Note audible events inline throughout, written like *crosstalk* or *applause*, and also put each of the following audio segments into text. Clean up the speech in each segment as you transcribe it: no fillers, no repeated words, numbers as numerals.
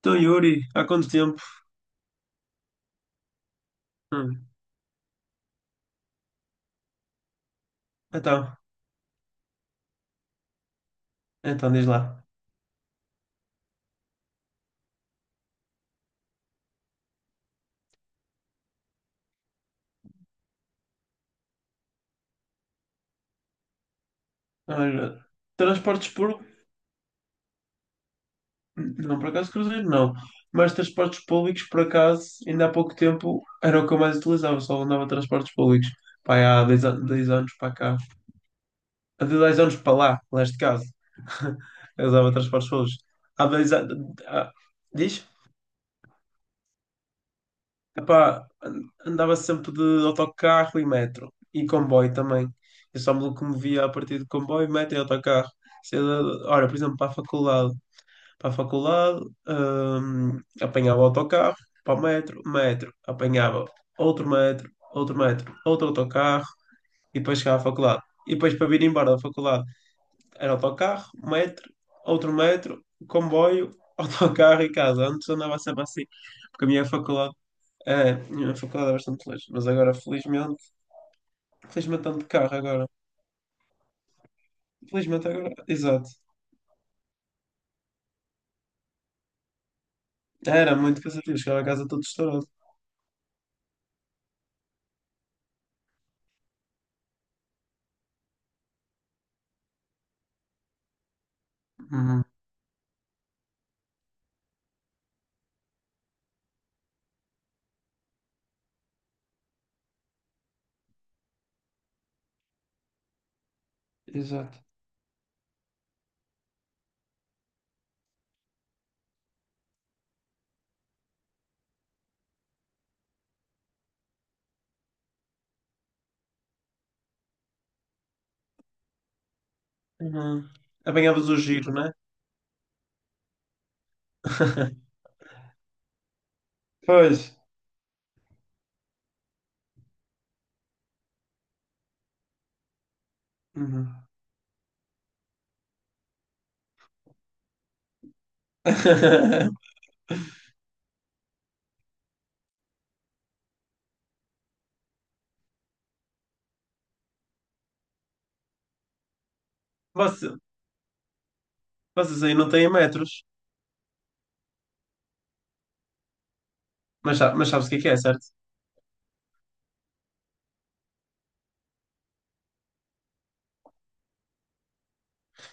Então, Yuri, há quanto tempo? Hum. Então, então, diz lá. Olha, transportes públicos, não por acaso cruzeiro, não. Mas transportes públicos, por acaso, ainda há pouco tempo era o que eu mais utilizava, só andava de transportes públicos. Pá, há 10 anos para cá. Há 10 anos para lá, neste caso. *laughs* Eu usava transportes públicos. Há 10 anos. Diz? Epá, andava sempre de autocarro e metro. E comboio também. Eu só me locomovia a partir de comboio, metro e autocarro. Se eu- Ora, por exemplo, para a faculdade. Para a faculdade, apanhava o autocarro, para o metro. Apanhava outro metro, outro metro, outro autocarro. E depois chegava à faculdade. E depois para vir embora da faculdade, era autocarro, metro, outro metro, comboio, *laughs* autocarro e casa. Antes andava sempre assim. Porque a minha faculdade é, a minha faculdade é bastante longe, mas agora felizmente, felizmente ando de carro agora. Felizmente agora, exato. Era muito cansativo, chegava a casa todo estourado. Uhum. Exato. Uhum. Apanhavas o giro, né? *laughs* Pois. Uhum. *laughs* Você- Vocês aí não têm metros, mas mas sabes o que é, certo?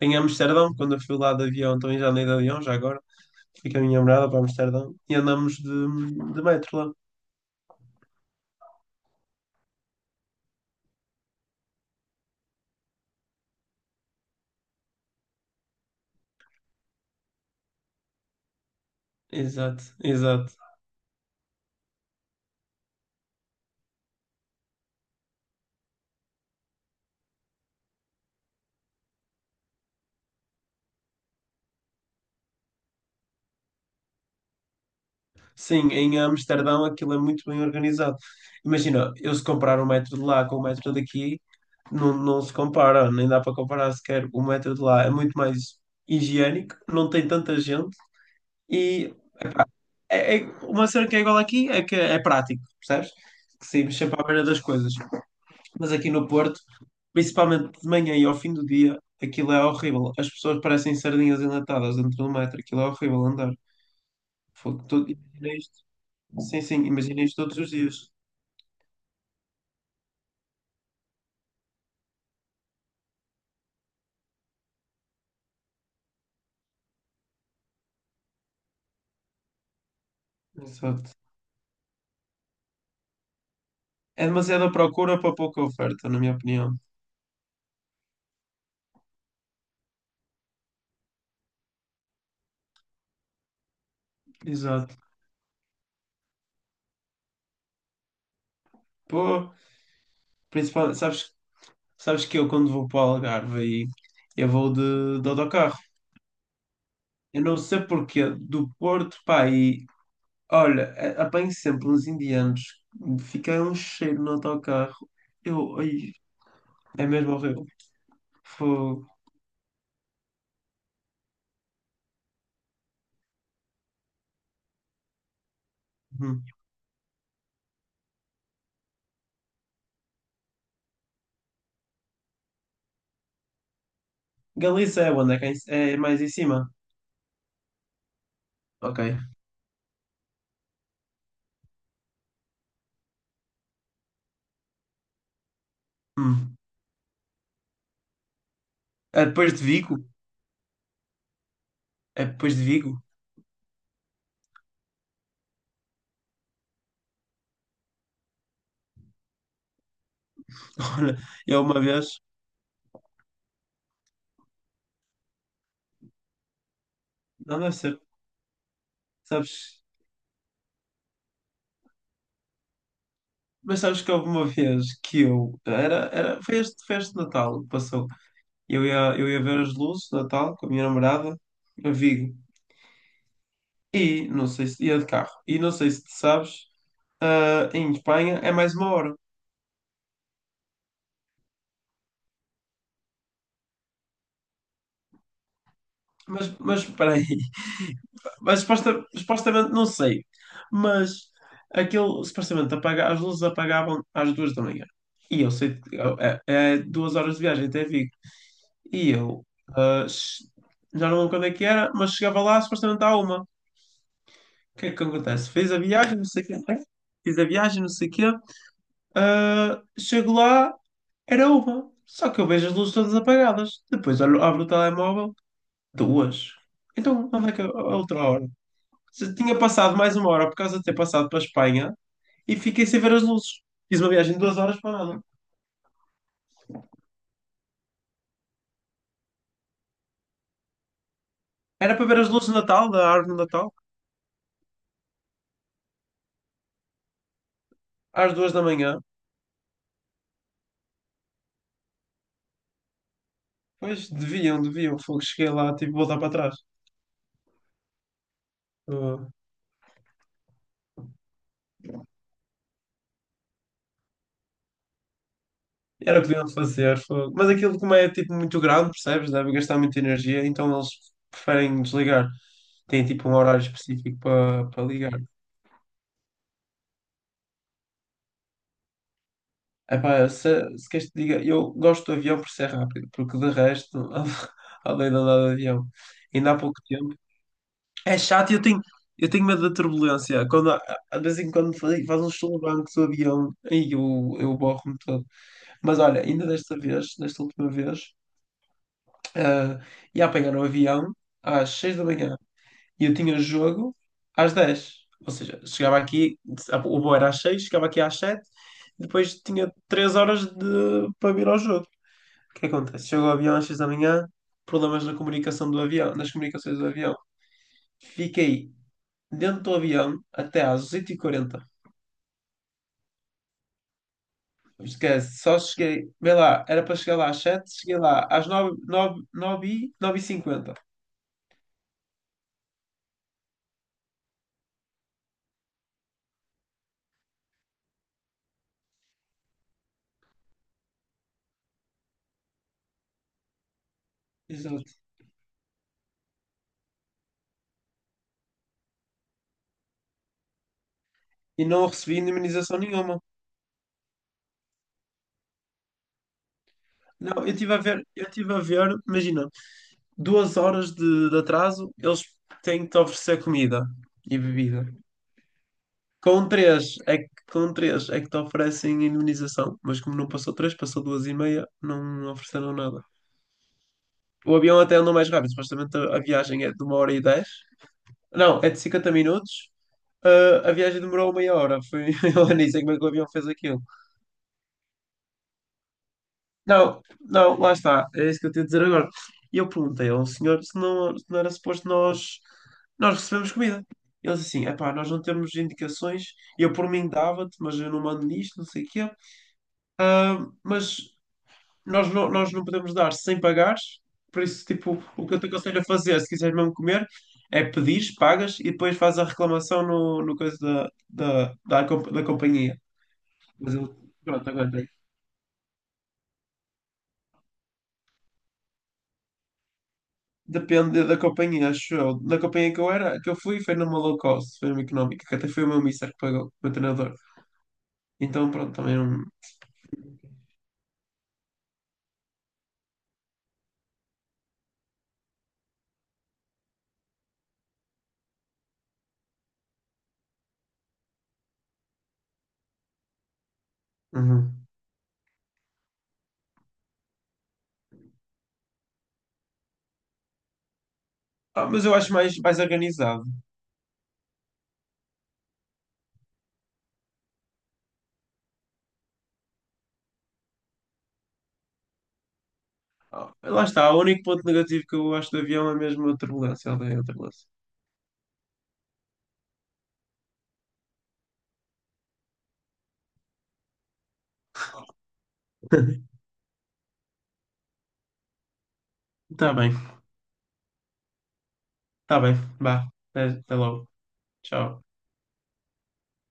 Em Amsterdão, quando eu fui lá de avião, também já andei de avião, já agora, fui com a minha namorada para Amsterdão e andamos de metro lá. Exato, exato. Sim, em Amsterdão aquilo é muito bem organizado. Imagina, eu se comparar o metro de lá com o metro daqui, não, não se compara, nem dá para comparar sequer. O metro de lá é muito mais higiênico, não tem tanta gente e é, uma cena que é igual aqui é que é prático, percebes? Que saímos sempre à beira das coisas. Mas aqui no Porto, principalmente de manhã e ao fim do dia, aquilo é horrível. As pessoas parecem sardinhas enlatadas dentro do metro, aquilo é horrível andar. Fogo, imagina isto. Sim, sim, imagina isto todos os dias. Exato. É demasiada procura para pouca oferta, na minha opinião. Exato. Pô, principalmente, sabes, sabes que eu quando vou para o Algarve aí, eu vou de autocarro. Eu não sei porquê, do Porto, pá, e olha, apanho sempre uns indianos, fica um cheiro no autocarro. Eu, ai, é mesmo horrível. Fogo. Hum. Galiza é onde? É, é mais em cima? Ok. Hum. É depois de Vigo? É depois de Vigo? *laughs* Olha, eu uma vez, não deve ser, sabes, mas sabes que houve uma vez que eu, foi este Natal que passou, eu ia ver as luzes de Natal com a minha namorada, a Vigo, e não sei se, ia de carro, e não sei se tu sabes, ah, em Espanha é mais uma hora, mas espera aí, *laughs* mas supostamente, não sei, mas aquilo, supostamente, apaga, as luzes apagavam às 2 da manhã, e eu sei, que é, é 2 horas de viagem até Vigo. E eu ah, já não lembro quando é que era, mas chegava lá supostamente à uma. O que é que acontece? Fiz a viagem, não sei o quê. Fiz a viagem, não sei o quê. Ah, chego lá, era uma. Só que eu vejo as luzes todas apagadas. Depois olho, abro o telemóvel, duas. Então, onde é que é a outra hora? Se tinha passado mais uma hora por causa de ter passado para a Espanha e fiquei sem ver as luzes. Fiz uma viagem de 2 horas para nada. Era para ver as luzes de Natal, da árvore de Natal, às 2 da manhã. Pois, deviam, deviam. Fogo, cheguei lá, tive que voltar para trás. Fogo. Era o que deviam fazer. Fogo. Mas aquilo, como é tipo muito grande, percebes? Deve gastar muita energia, então eles preferem desligar. Tem tipo um horário específico para ligar. Epá, se queres te diga, eu gosto do avião por ser rápido, porque de resto, *laughs* além de andar de avião, ainda há pouco tempo. É chato, e eu tenho medo da turbulência. Quando, de vez em quando faz uns solavancos o avião, aí eu borro-me todo. Mas olha, ainda desta vez, desta última vez. Ah, e a apanhar o avião às 6 da manhã e eu tinha jogo às 10. Ou seja, chegava aqui, o voo era às 6, chegava aqui às 7, depois tinha 3 horas de, para vir ao jogo. O que acontece? Chego ao avião às 6 da manhã, problemas na comunicação do avião, nas comunicações do avião. Fiquei dentro do avião até às 8h40. Esquece, só cheguei, vê lá, era para chegar lá às 7, cheguei lá às 9 9 9, 9h50. Exato. E não recebi indemnização nenhuma. Não, eu estive a ver, imagina, 2 horas de atraso, eles têm que te oferecer comida e bebida. Com três é que te oferecem indemnização, mas como não passou três, passou duas e meia, não ofereceram nada. O avião até andou mais rápido, supostamente a viagem é de 1h10. Não, é de 50 minutos. Ah, a viagem demorou meia hora. Foi *laughs* a Anísia como é que o avião fez aquilo. Não, não, lá está. É isso que eu tenho a dizer agora. E eu perguntei ao senhor se não era suposto nós, nós recebemos comida. Ele disse assim, epá, nós não temos indicações, eu por mim dava-te, mas eu não mando nisto, não sei o quê. Ah, mas nós não podemos dar sem pagares, por isso, tipo, o que eu te aconselho a fazer, se quiseres mesmo comer, é pedires, pagas e depois fazes a reclamação no coisa da companhia. Mas eu, pronto, agora depende da companhia, acho eu. Na companhia que eu era, que eu fui, foi numa low cost, foi numa económica, que até foi o meu mister que pagou, o meu treinador. Então, pronto, também não. Uhum. Ah, mas eu acho mais organizado. Ah, lá está, o único ponto negativo que eu acho do avião é mesmo a turbulência, eu odeio a turbulência. *laughs* Tá bem, tá bem. Vá, até logo. Tchau.